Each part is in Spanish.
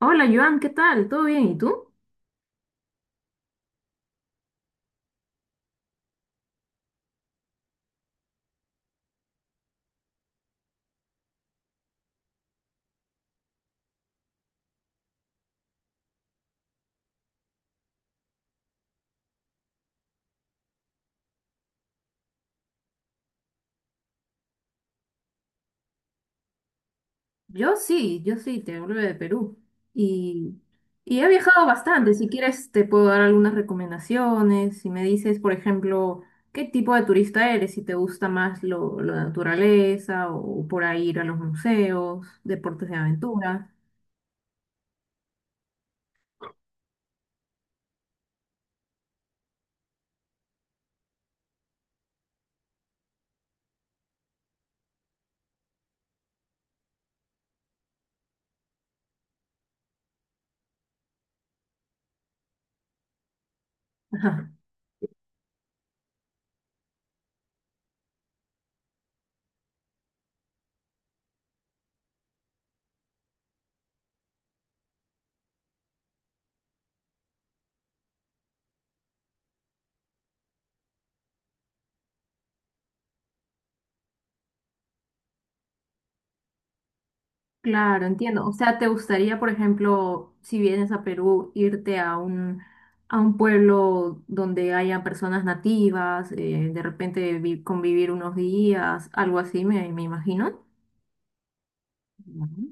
Hola, Joan, ¿qué tal? ¿Todo bien? ¿Y tú? Yo sí, te hablo de Perú. Y, y he viajado bastante. Si quieres, te puedo dar algunas recomendaciones. Si me dices, por ejemplo, qué tipo de turista eres, si te gusta más lo de naturaleza o por ahí ir a los museos, deportes de aventura. Claro, entiendo. O sea, ¿te gustaría, por ejemplo, si vienes a Perú, irte a a un pueblo donde haya personas nativas, de repente convivir unos días, algo así, me imagino? Ujú.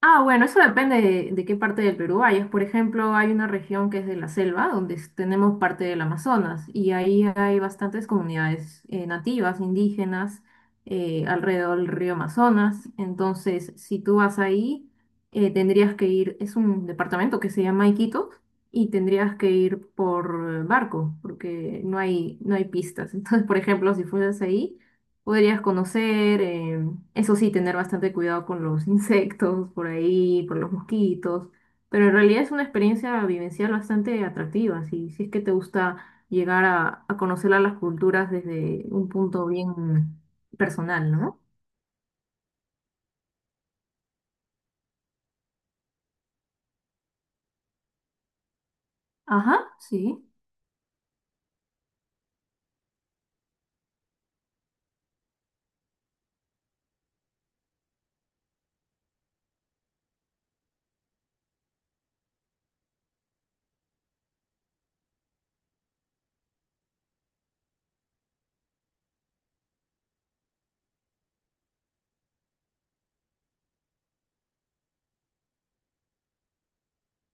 Ah, bueno, eso depende de, qué parte del Perú vayas. Por ejemplo, hay una región que es de la selva, donde tenemos parte del Amazonas, y ahí hay bastantes comunidades nativas, indígenas, alrededor del río Amazonas. Entonces, si tú vas ahí, tendrías que ir, es un departamento que se llama Iquitos, y tendrías que ir por barco, porque no hay pistas. Entonces, por ejemplo, si fueras ahí podrías conocer. Eso sí, tener bastante cuidado con los insectos por ahí, por los mosquitos. Pero en realidad es una experiencia vivencial bastante atractiva. Si es que te gusta llegar a conocer a las culturas desde un punto bien personal, ¿no? Ajá, sí.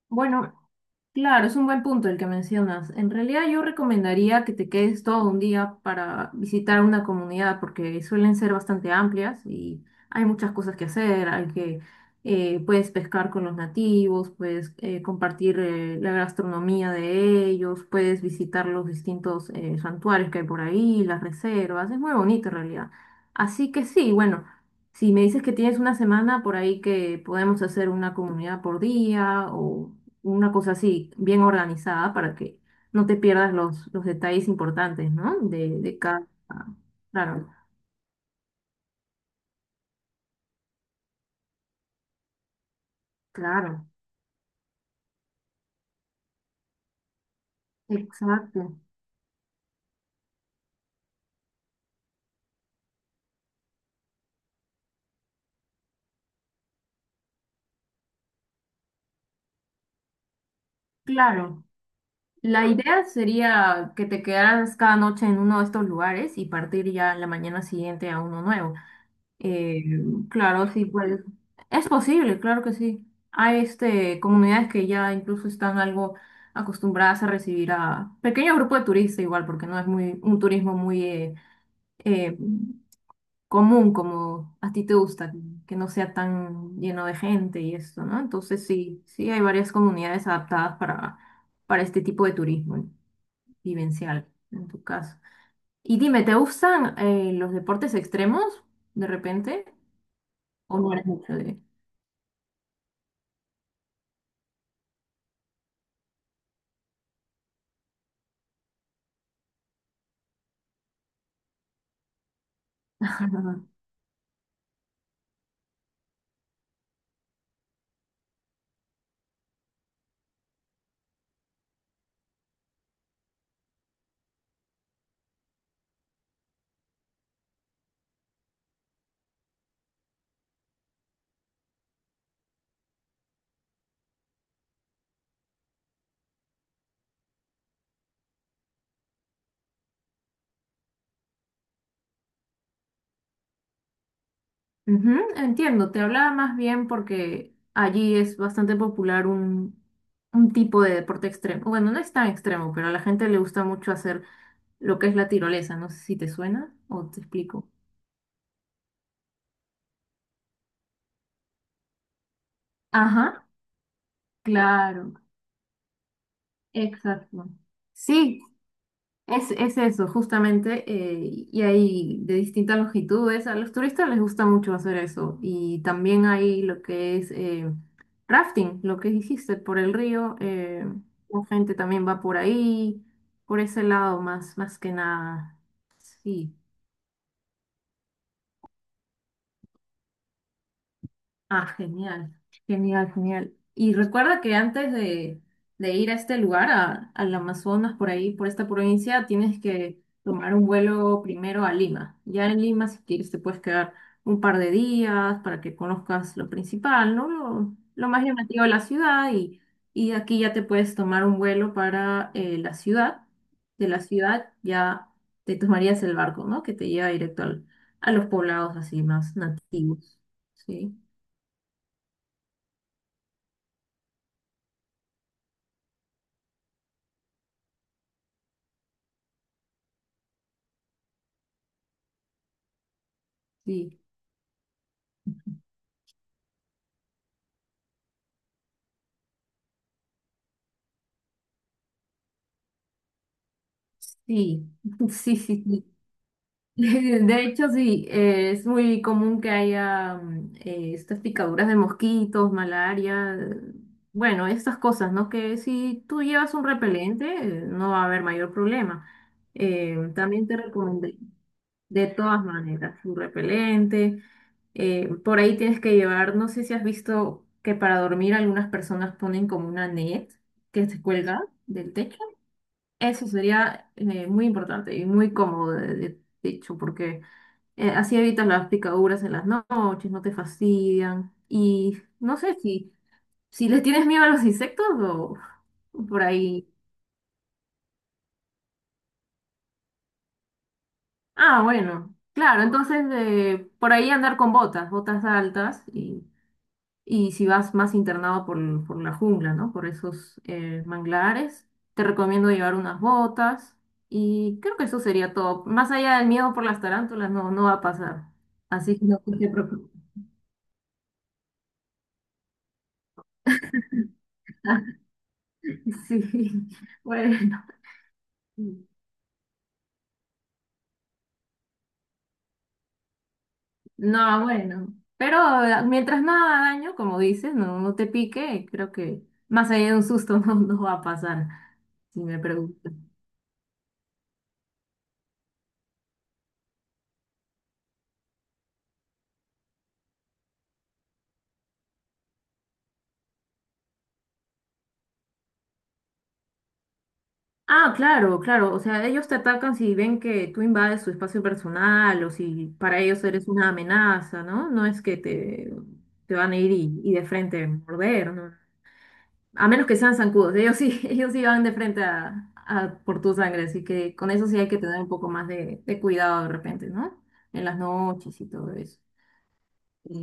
Bueno, claro, es un buen punto el que mencionas. En realidad yo recomendaría que te quedes todo un día para visitar una comunidad porque suelen ser bastante amplias y hay muchas cosas que hacer. Hay que Puedes pescar con los nativos, puedes compartir la gastronomía de ellos, puedes visitar los distintos santuarios que hay por ahí, las reservas. Es muy bonito en realidad. Así que sí, bueno. Si me dices que tienes una semana por ahí que podemos hacer una comunidad por día o una cosa así, bien organizada para que no te pierdas los detalles importantes, ¿no? De cada... Claro, claro, exacto. Claro. La idea sería que te quedaras cada noche en uno de estos lugares y partir ya la mañana siguiente a uno nuevo. Eh, claro, sí, pues es posible, claro que sí. Hay este, comunidades que ya incluso están algo acostumbradas a recibir a pequeño grupo de turistas igual, porque no es muy un turismo muy eh, común, como a ti te gusta, que no sea tan lleno de gente y eso, ¿no? Entonces sí, sí hay varias comunidades adaptadas para este tipo de turismo vivencial, en tu caso. Y dime, ¿te gustan los deportes extremos de repente? ¿O no eres mucho de...? Ujú, entiendo, te hablaba más bien porque allí es bastante popular un tipo de deporte extremo. Bueno, no es tan extremo, pero a la gente le gusta mucho hacer lo que es la tirolesa. No sé si te suena o te explico. Ajá, claro, exacto. Sí, es eso, justamente, y hay de distintas longitudes. A los turistas les gusta mucho hacer eso. Y también hay lo que es rafting, lo que dijiste, por el río. La gente también va por ahí, por ese lado más, más que nada. Sí. Ah, genial, genial, genial. Y recuerda que antes de ir a este lugar, al Amazonas, por ahí, por esta provincia, tienes que tomar un vuelo primero a Lima. Ya en Lima, si quieres, te puedes quedar un par de días para que conozcas lo principal, ¿no? Lo más llamativo de la ciudad y de aquí ya te puedes tomar un vuelo para la ciudad. De la ciudad ya te tomarías el barco, ¿no? Que te lleva directo a los poblados así más nativos, ¿sí? Sí, sí, sí, sí, sí. De hecho, sí, es muy común que haya estas picaduras de mosquitos, malaria, bueno, estas cosas, ¿no? Que si tú llevas un repelente, no va a haber mayor problema. También te recomendé, de todas maneras, un repelente. Por ahí tienes que llevar, no sé si has visto que para dormir algunas personas ponen como una net que se cuelga del techo. Eso sería muy importante y muy cómodo, de, de hecho, porque así evitas las picaduras en las noches, no te fastidian. Y no sé si, si les tienes miedo a los insectos o por ahí. Ah, bueno, claro, entonces por ahí andar con botas, botas altas y si vas más internado por, por la jungla, ¿no? Por esos manglares, te recomiendo llevar unas botas y creo que eso sería todo. Más allá del miedo por las tarántulas, no va a pasar. Así que no te preocupes. Sí, bueno. No, bueno. Pero mientras nada haga daño, como dices, no te pique, creo que más allá de un susto no va a pasar, si me preguntas. Ah, claro, claro. O sea, ellos te atacan si ven que tú invades su espacio personal o si para ellos eres una amenaza, ¿no? Te van a y de frente a morder, ¿no? A menos que sean zancudos. Ellos sí, ellos sí van de frente a por tu sangre. Así que con eso sí hay que tener un poco más de cuidado de repente, ¿no? En las noches y todo eso. Sí.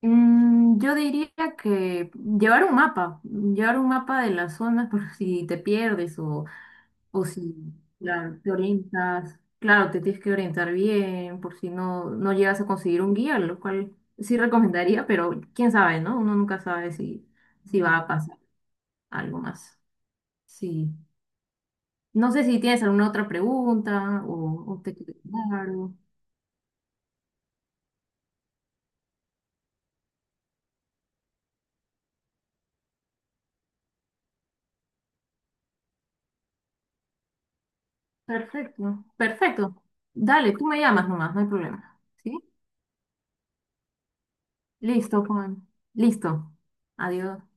Mm, yo diría que llevar un mapa de las zonas por si te pierdes o si, claro, te orientas, claro, te tienes que orientar bien por si no, no llegas a conseguir un guía, lo cual sí recomendaría, pero quién sabe, ¿no? Uno nunca sabe si, si va a pasar algo más. Sí. No sé si tienes alguna otra pregunta o te quedó claro. Perfecto, perfecto. Dale, tú me llamas nomás, no hay problema. ¿Sí? Listo, Juan. Listo. Adiós.